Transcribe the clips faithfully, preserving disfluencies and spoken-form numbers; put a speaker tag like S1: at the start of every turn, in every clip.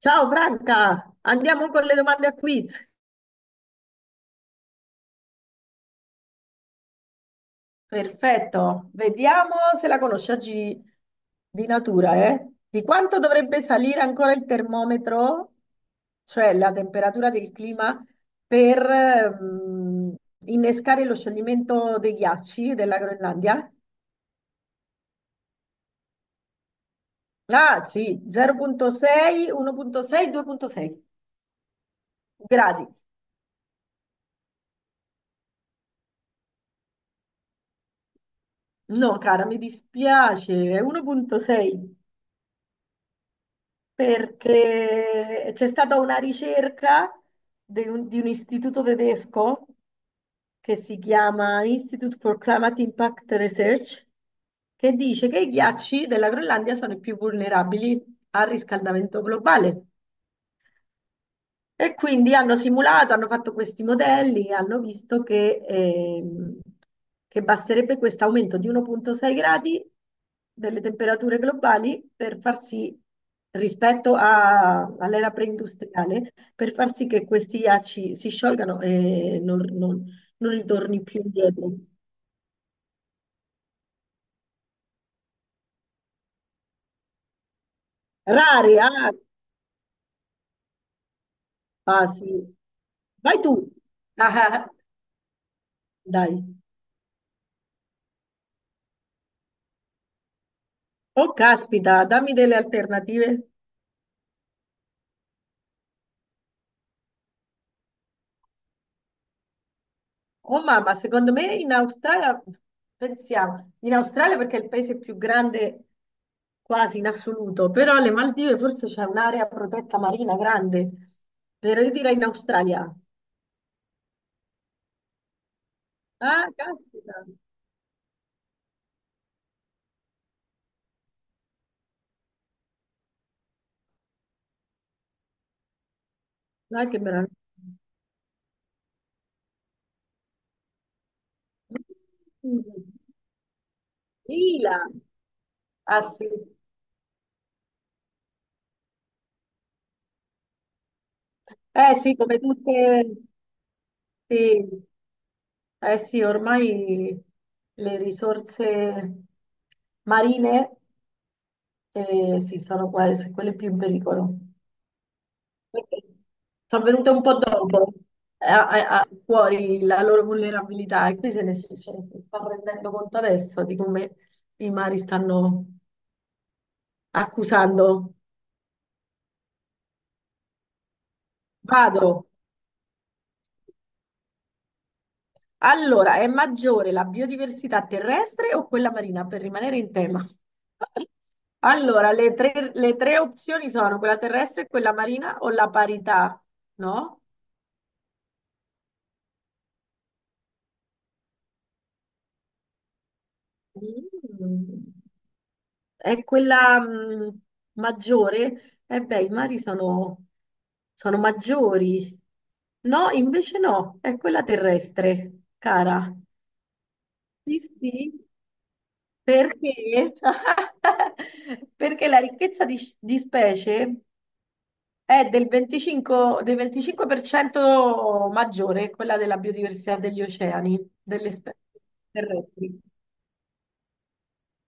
S1: Ciao Franca, andiamo con le domande a quiz. Perfetto, vediamo se la conosci oggi di natura, eh? Di quanto dovrebbe salire ancora il termometro, cioè la temperatura del clima, per ehm, innescare lo scioglimento dei ghiacci della Groenlandia? Ah sì, zero virgola sei, uno virgola sei, due virgola sei gradi. No, cara, mi dispiace, è uno virgola sei. Perché c'è stata una ricerca di un, di un istituto tedesco che si chiama Institute for Climate Impact Research, che dice che i ghiacci della Groenlandia sono i più vulnerabili al riscaldamento globale. E quindi hanno simulato, hanno fatto questi modelli e hanno visto che, ehm, che basterebbe questo aumento di uno virgola sei gradi delle temperature globali per far sì, rispetto a- all'era preindustriale, per far sì che questi ghiacci si sciolgano e non, non- non ritorni più indietro. Rari, ah, ah, sì. Vai tu. Ah, ah, ah. Dai. Oh, caspita, dammi delle alternative. Oh mamma, secondo me in Australia, pensiamo, in Australia perché è il paese più grande quasi in assoluto, però alle Maldive forse c'è un'area protetta marina grande, però io direi in Australia. Ah, caspita, dai che meraviglia. Mila, ah sì, eh sì, come tutte, sì, eh sì, ormai le risorse marine eh, sì, sono quasi quelle più in pericolo. Perché sono venute un po' dopo eh, a- a- a- fuori la loro vulnerabilità e qui se ne, ce ne si sta rendendo conto adesso di come i mari stanno accusando. Vado. Allora, è maggiore la biodiversità terrestre o quella marina per rimanere in tema? Allora, le tre, le tre opzioni sono quella terrestre, quella marina o la parità, no? Mm. È quella mh, maggiore? Eh beh, i mari sono, sono maggiori. No, invece no, è quella terrestre, cara. Sì, sì, perché? Perché la ricchezza di, di specie è del venticinque, del venticinque per cento maggiore, quella della biodiversità degli oceani, delle specie terrestri.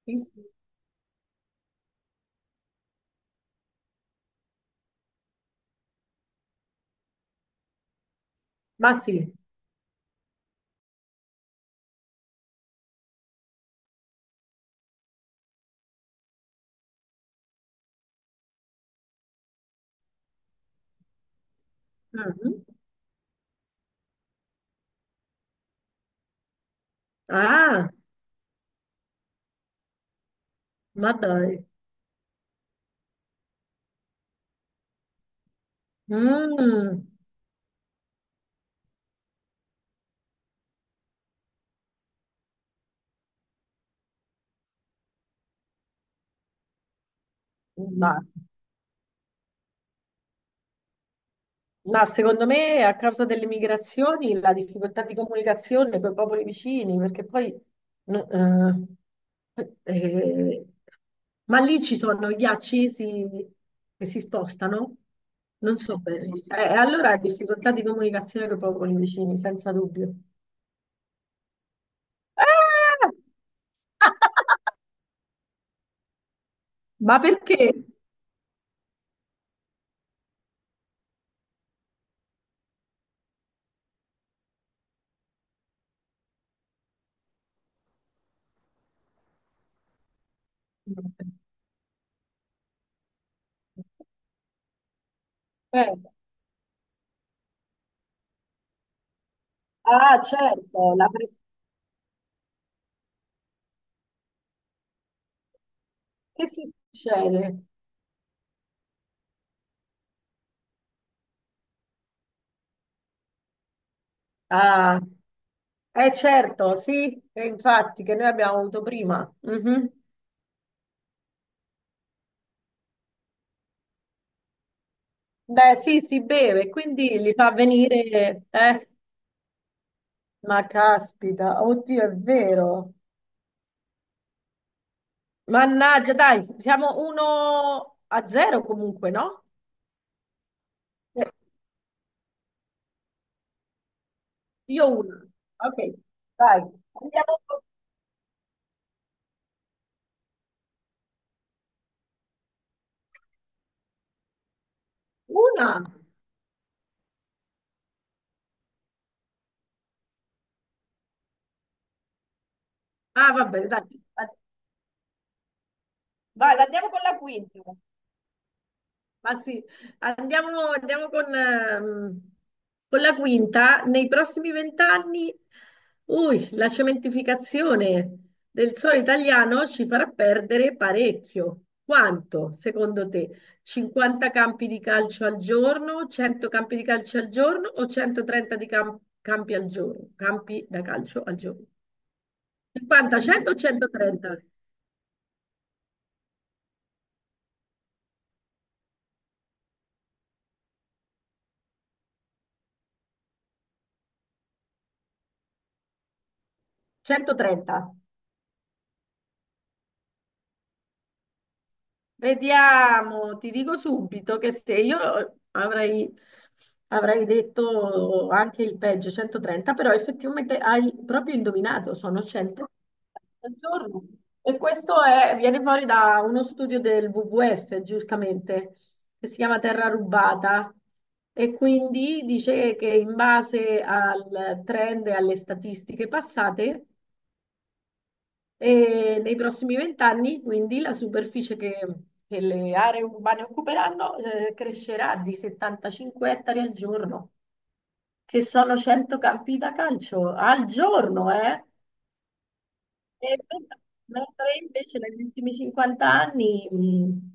S1: Sì, sì. Ma sì. Mhm. Ah, ma dai. Mm, ma, ma secondo me a causa delle migrazioni la difficoltà di comunicazione con i popoli vicini, perché poi... no- eh, eh, ma lì ci sono i ghiacci si- che si spostano? Non so bene. Eh, allora difficoltà di comunicazione con i popoli vicini, senza dubbio. Ah! Ma perché? Eh, Ah, certo, la pres- che succede? Ah, eh certo, sì, e infatti che noi abbiamo avuto prima. Mhm. Beh, sì, si beve, quindi li fa venire... Eh, ma caspita, oddio, è vero. Mannaggia, dai, siamo uno a zero comunque, no? Eh, io una. Ok, dai, andiamo con una. Ah, va bene, dai. Vai, andiamo con la quinta. Ma sì, andiamo, andiamo con, ehm, con la quinta. Nei prossimi vent'anni, ui, la cementificazione del suolo italiano ci farà perdere parecchio. Quanto, secondo te? cinquanta campi di calcio al giorno, cento campi di calcio al giorno o centotrenta di cam- campi al giorno? Campi da calcio al giorno. cinquanta, cento o centotrenta? centotrenta. Vediamo, ti dico subito che se io eh, avrei, avrei detto anche il peggio, centotrenta, però effettivamente hai proprio indovinato, sono cento al giorno. E questo è- viene fuori da uno studio del W W F, giustamente, che si chiama Terra Rubata. E quindi dice che in base al trend e alle statistiche passate, e nei prossimi vent'anni, quindi, la superficie che, che le aree urbane occuperanno, eh, crescerà di settantacinque ettari al giorno, che sono cento campi da calcio al giorno, eh? E men- Mentre invece negli ultimi cinquanta anni, mh,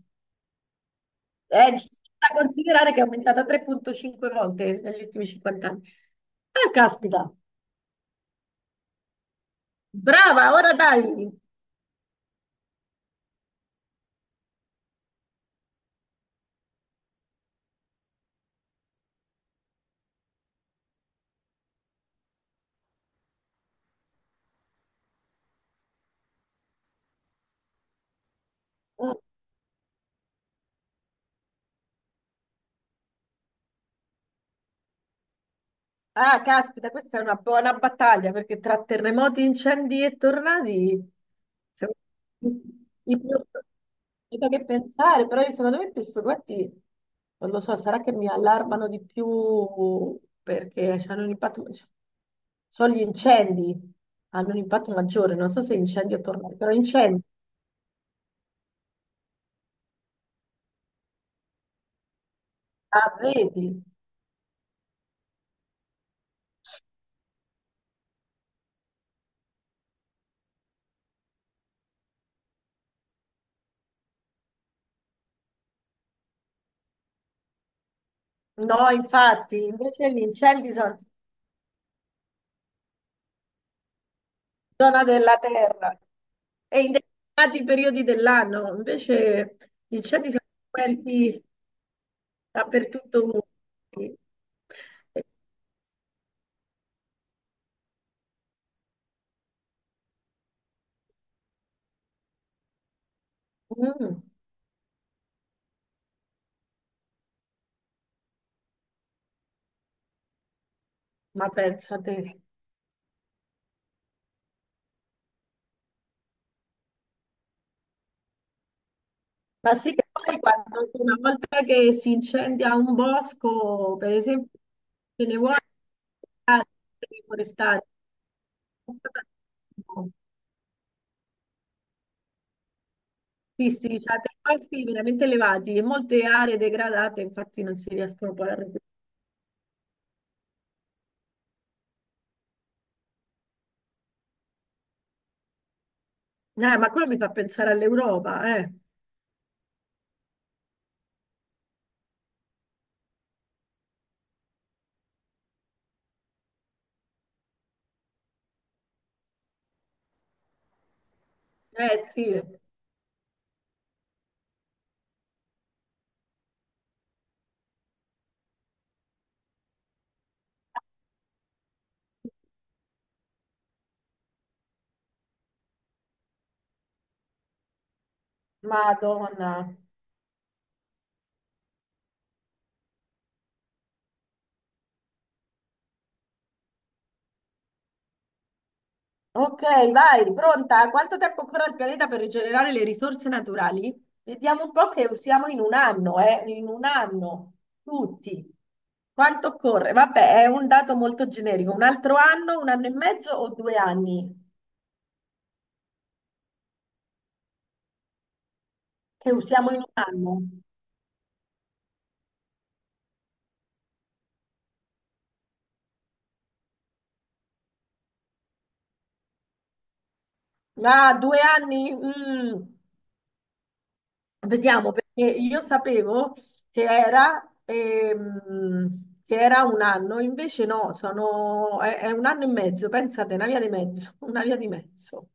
S1: è da considerare che è aumentata tre virgola cinque volte negli ultimi cinquanta anni. Ah, caspita! Brava, ora dai! Mm. Ah, caspita, questa è una buona battaglia perché tra terremoti, incendi e tornadi cioè, i più- c'è da che pensare, però io, secondo me i più non lo so, sarà che mi allarmano di più perché hanno un impatto, cioè, sono gli incendi, hanno un impatto maggiore, non so se incendi o tornadi, però incendi, ah, vedi? No, infatti, invece gli incendi sono zona della Terra e in determinati periodi dell'anno. Invece gli incendi sono frequenti dappertutto. Comunque. E- mm, ma pensate. Ma sì che poi quando, una volta che si incendia un bosco, per esempio, ce ne vuole forestali. Sì, sì, cioè dei costi veramente elevati e molte aree degradate infatti non si riescono poi a recuperare. Eh, ma quello mi fa pensare all'Europa, eh. Eh sì, Madonna. Ok, vai, pronta? Quanto tempo occorre al pianeta per rigenerare le risorse naturali? Vediamo un po' che usiamo in un anno, eh? In un anno, tutti. Quanto occorre? Vabbè, è un dato molto generico. Un altro anno, un anno e mezzo o due anni? Che usiamo in un anno? Ah, due anni? Mm. Vediamo, perché io sapevo che era, ehm, che era un anno, invece no, sono, è, è un anno e mezzo, pensate, una via di mezzo, una via di mezzo.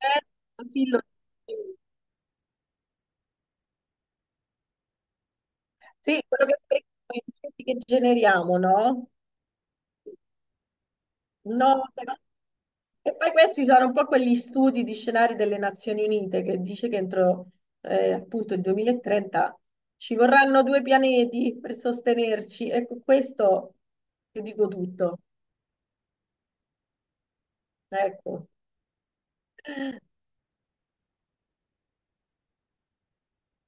S1: Eh, così lo- so. Sì, quello che, che generiamo, no? No, e poi questi sono un po' quegli studi di scenari delle Nazioni Unite che dice che entro eh, appunto il duemilatrenta ci vorranno due pianeti per sostenerci. Ecco, questo ti dico tutto. Ecco.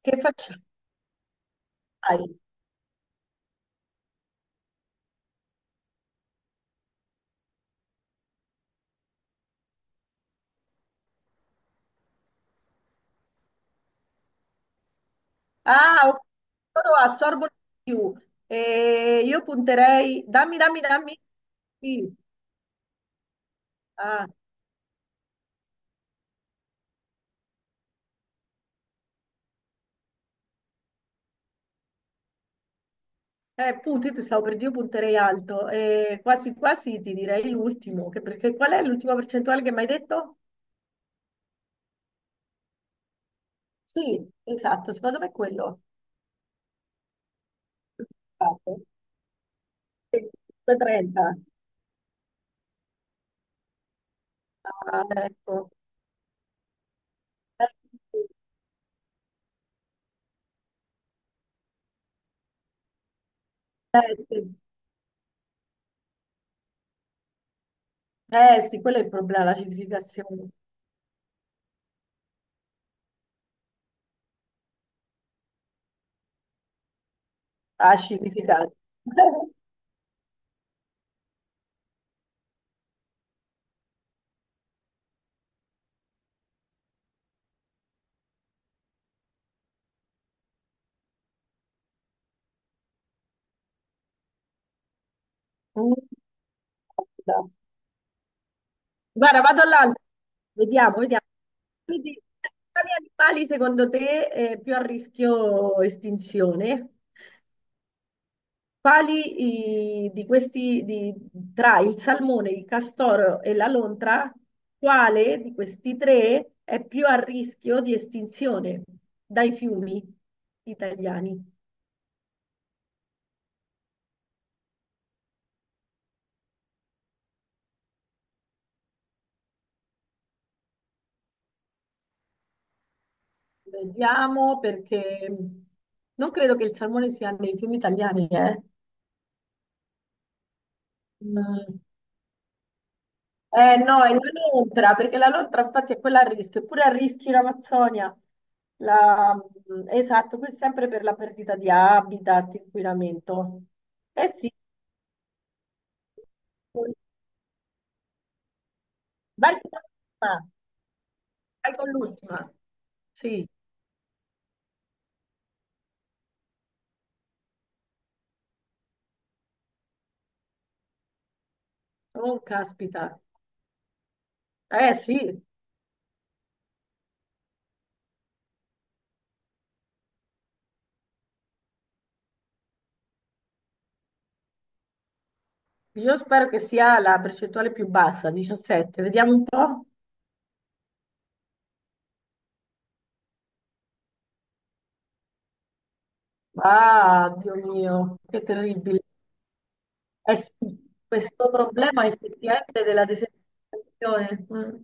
S1: Che facciamo? Dai. Ah, ok. Loro assorbono di più. Eh, io punterei... Dammi, dammi, dammi. Sì. Ah. Eh, punti, io ti stavo per dire, io punterei alto. Eh, quasi quasi ti direi l'ultimo, che- perché qual è l'ultima percentuale che mi hai detto? Sì, esatto, secondo me è quello. Fatto. Sì, trenta. Ah, ecco. Eh, sì, eh, sì, eh, sì, quello è il problema, l'acidificazione. Acidificato. Mm. Guarda, vado all'altro. Vediamo, vediamo. Quindi, quali animali secondo te è più a rischio estinzione? Quali i- di questi, di- tra il salmone, il castoro e la lontra, quale di questi tre è più a rischio di estinzione dai fiumi italiani? Vediamo perché non credo che il salmone sia nei fiumi italiani, eh. Mm, eh no, è la lontra, perché la lontra infatti è quella a rischio, eppure a rischio in Amazzonia. La- Esatto, questo è sempre per la perdita di habitat, inquinamento. Eh sì, vai con l'ultima, vai con l'ultima. Sì, oh caspita. Eh sì, io spero che sia la percentuale più bassa, diciassette. Vediamo un po'. Ah, Dio mio, che terribile. Eh sì, questo problema effettivamente della desertificazione. Mm.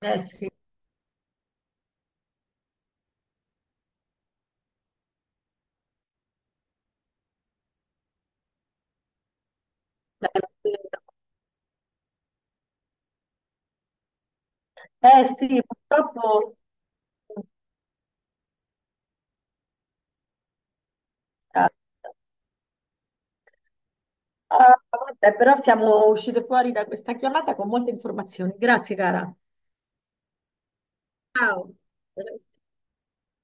S1: Eh sì, eh sì, purtroppo, ah, vabbè, però siamo uscite fuori da questa chiamata con molte informazioni. Grazie, cara. Ciao.